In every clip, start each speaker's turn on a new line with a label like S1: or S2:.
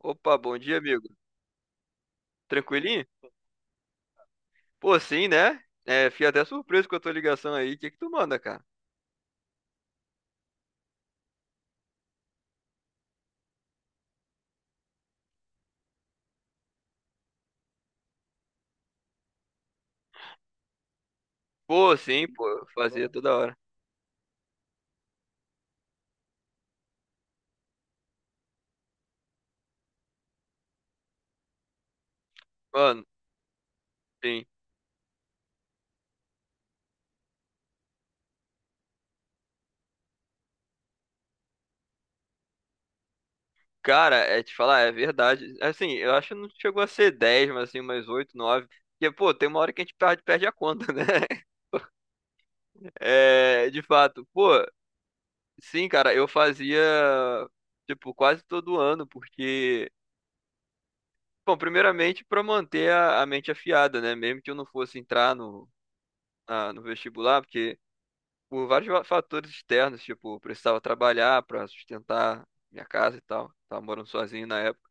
S1: Opa, bom dia, amigo. Tranquilinho? Pô, sim, né? É, fiquei até surpreso com a tua ligação aí. O que que tu manda, cara? Pô, sim, pô, eu fazia toda hora. Mano, sim. Cara, é te falar, é verdade. Assim, eu acho que não chegou a ser 10, mas assim, mais oito, nove. Porque, pô, tem uma hora que a gente perde a conta, né? É, de fato. Pô, sim, cara, eu fazia, tipo, quase todo ano, porque bom, primeiramente, pra manter a mente afiada, né? Mesmo que eu não fosse entrar no vestibular, porque por vários fatores externos, tipo, eu precisava trabalhar para sustentar minha casa e tal. Tava morando sozinho na época.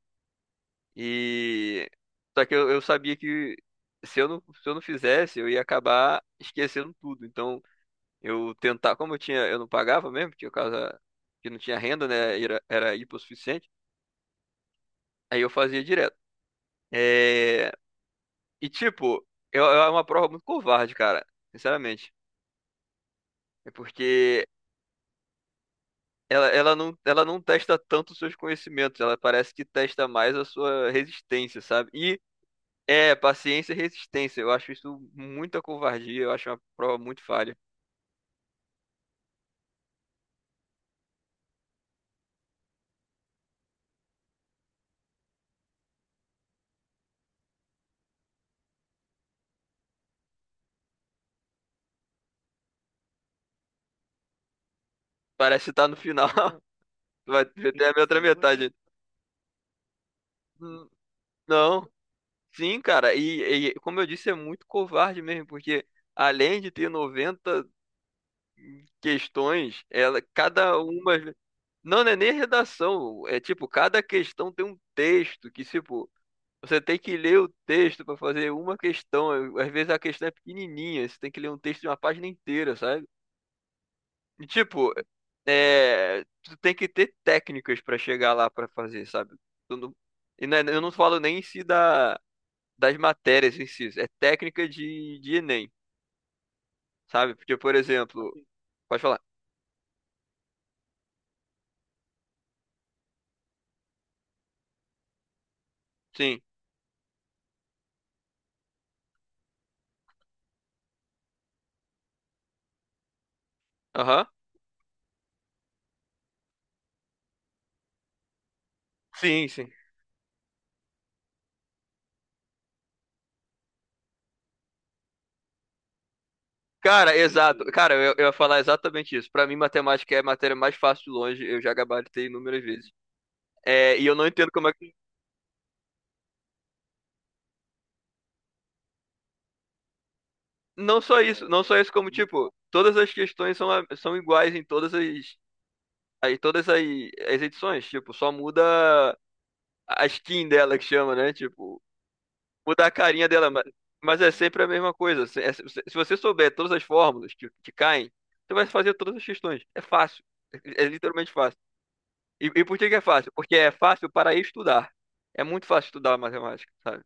S1: E só que eu sabia que se eu não fizesse, eu ia acabar esquecendo tudo. Então, eu tentar, como eu tinha, eu não pagava mesmo, tinha casa que não tinha renda, né? Era hipossuficiente. Aí eu fazia direto. É. E tipo, eu era uma prova muito covarde, cara, sinceramente. É porque ela, ela não testa tanto os seus conhecimentos, ela parece que testa mais a sua resistência, sabe? E é, paciência e resistência. Eu acho isso muita covardia, eu acho uma prova muito falha. Parece estar no final. Vai ter a outra metade. Hum. Não, sim, cara. E como eu disse, é muito covarde mesmo, porque além de ter 90 questões, ela, cada uma. Não, não é nem redação. É tipo, cada questão tem um texto que, tipo. Você tem que ler o texto para fazer uma questão. Às vezes a questão é pequenininha, você tem que ler um texto de uma página inteira, sabe? E tipo, é, tu tem que ter técnicas para chegar lá para fazer, sabe? Tu não- E não é, eu não falo nem em si da, das matérias em si, é técnica de Enem, sabe? Porque, por exemplo, pode falar. Sim. Aham. Sim, sim. Cara, exato. Cara, eu ia falar exatamente isso. Para mim, matemática é a matéria mais fácil de longe, eu já gabaritei inúmeras vezes. É, e eu não entendo como é. Não só isso, não só isso, como, tipo, todas as questões são, são iguais em todas as, em todas as, edições. Tipo, só muda a skin dela que chama, né? Tipo, muda a carinha dela, mas, é sempre a mesma coisa. Se, se você souber todas as fórmulas que caem, você vai fazer todas as questões. É fácil. é literalmente fácil. E por que que é fácil? Porque é fácil para estudar. É muito fácil estudar matemática, sabe?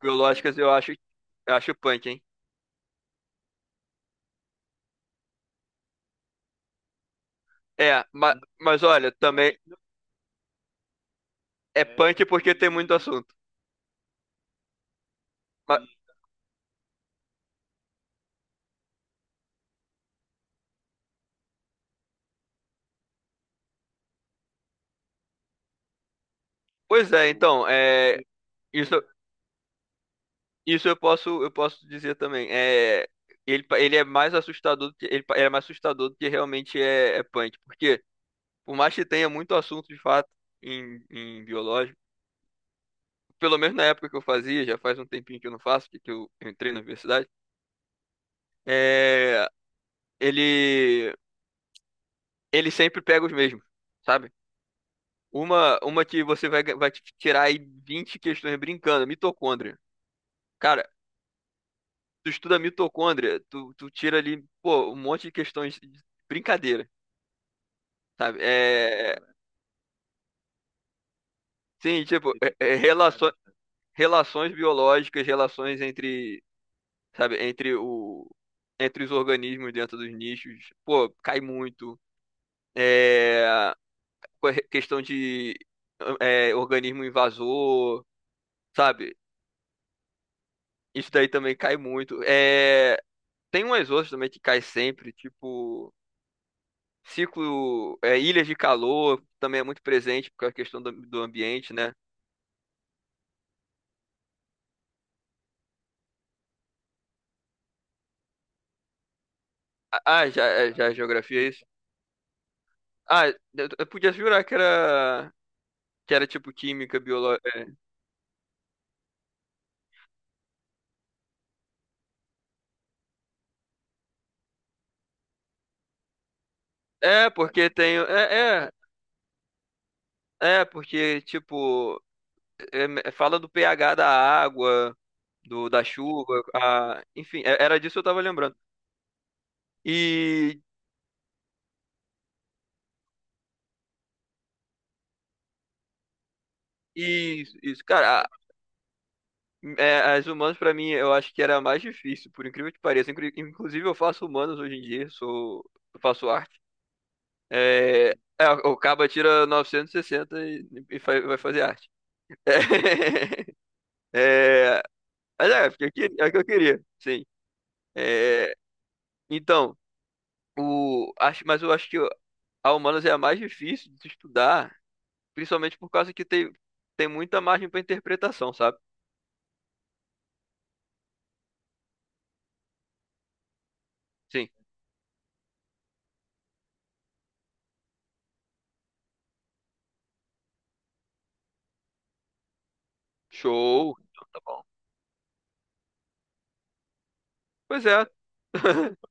S1: Biológicas eu acho punk, hein? É, mas, olha, também. É punk porque tem muito assunto. Mas- Pois é, então, é, isso, isso eu posso dizer também. É, ele, ele é mais assustador do que, ele, é mais assustador do que realmente é, é punk. Porque, por mais que tenha muito assunto de fato em biológico, pelo menos na época que eu fazia, já faz um tempinho que eu não faço, que eu entrei na universidade, é, ele, ele sempre pega os mesmos, sabe? Uma que vai te tirar aí 20 questões brincando, mitocôndria. Cara, tu estuda mitocôndria, tu tira ali, pô, um monte de questões de brincadeira, sabe? É, sim, tipo, é, é, relações biológicas, relações entre, sabe, entre os organismos dentro dos nichos, pô, cai muito. É, questão de, é, organismo invasor, sabe? Isso daí também cai muito. É, tem umas outras também que cai sempre, tipo. Ciclo, é, ilhas de calor também é muito presente por causa da questão do ambiente, né? Ah, ah, já, é, já a geografia é isso? Ah, eu podia jurar que era tipo química, biológica. É, é, porque tem. É, é, é porque, tipo, fala do pH da água, da chuva, a, enfim, é- era disso que eu tava lembrando. E. E. Isso, isso. Cara, é, as humanas pra mim eu acho que era a mais difícil, por incrível que pareça. Inclusive eu faço humanas hoje em dia, sou eu faço arte. É, é, o Caba tira 960 e, 60 vai fazer arte. É, mas é, porque eu queria, é o que eu queria, sim. É, então, mas eu acho que a humanas é a mais difícil de estudar, principalmente por causa que tem, muita margem pra interpretação, sabe? Sim. Show. Então, tá bom. Pois é.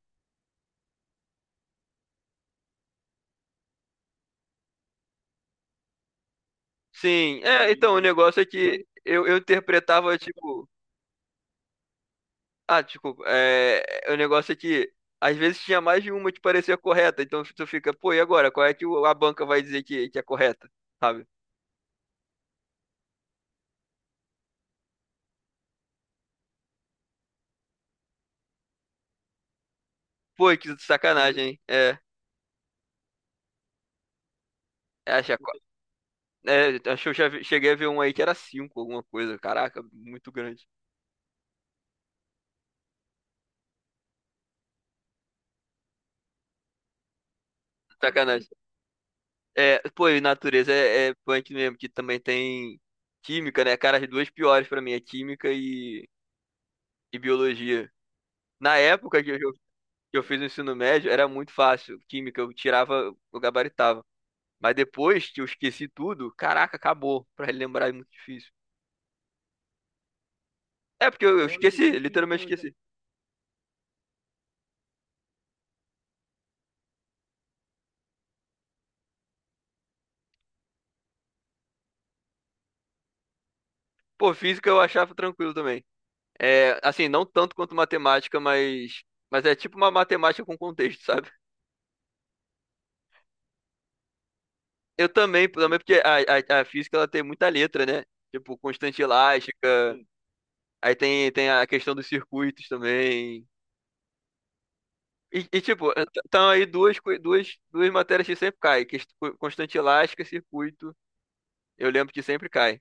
S1: Sim, é, então, o negócio é que eu interpretava, tipo, ah, desculpa, é, o negócio é que às vezes tinha mais de uma que parecia correta, então tu fica, pô, e agora? Qual é que a banca vai dizer que é correta, sabe? Pô, que sacanagem, hein? É, é, acho, acho que eu cheguei a ver um aí que era cinco, alguma coisa, caraca, muito grande. Sacanagem. É, pô, e natureza é punk mesmo, que também tem química, né? Cara, as duas piores pra mim é química e biologia. Na época que eu fiz o ensino médio era muito fácil. Química, eu tirava, eu gabaritava. Mas depois que eu esqueci tudo, caraca, acabou. Pra relembrar é muito difícil. É porque eu olha, esqueci, que literalmente coisa. Esqueci. Pô, física eu achava tranquilo também. É, assim, não tanto quanto matemática, mas, é tipo uma matemática com contexto, sabe? Eu também, também porque a física ela tem muita letra, né? Tipo, constante elástica, aí tem a questão dos circuitos também. Tipo, estão aí duas, duas matérias que sempre caem, que é constante elástica, e circuito. Eu lembro que sempre cai.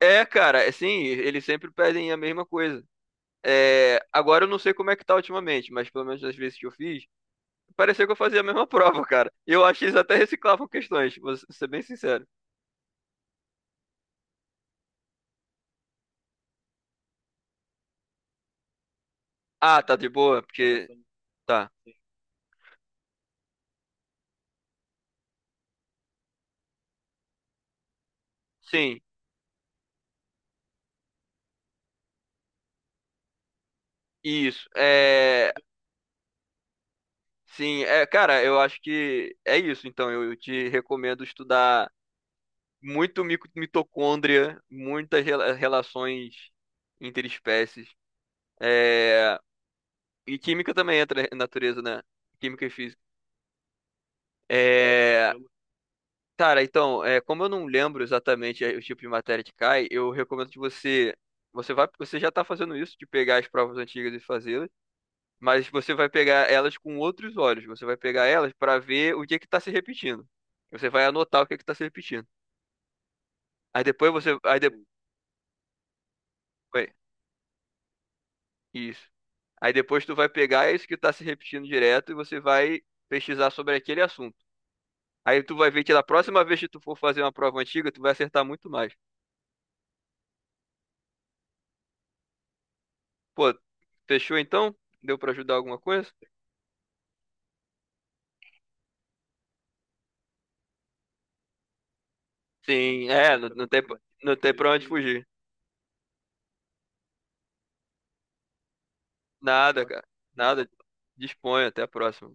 S1: É, cara, é sim, eles sempre pedem a mesma coisa. É, agora eu não sei como é que tá ultimamente, mas pelo menos nas vezes que eu fiz, parecia que eu fazia a mesma prova, cara. E eu acho que eles até reciclavam questões, ser bem sincero. Ah, tá de boa, porque. Tá. Sim, isso. É. Sim, é, cara, eu acho que é isso, então. Eu te recomendo estudar muito mitocôndria, muitas relações interespécies. É, e química também entra na natureza, né? Química e física. É, cara, então, é, como eu não lembro exatamente, o tipo de matéria que cai, eu recomendo que você. Você já está fazendo isso, de pegar as provas antigas e fazê-las, mas você vai pegar elas com outros olhos. Você vai pegar elas para ver o que é que está se repetindo. Você vai anotar o que é que está se repetindo. Aí depois você. Aí depois. Isso. Aí depois tu vai pegar isso que tá se repetindo direto e você vai pesquisar sobre aquele assunto. Aí tu vai ver que da próxima vez que tu for fazer uma prova antiga, tu vai acertar muito mais. Pô, fechou então? Deu pra ajudar alguma coisa? Sim, é, não, não tem, não tem pra onde fugir. Nada, cara. Nada. Disponha, até a próxima.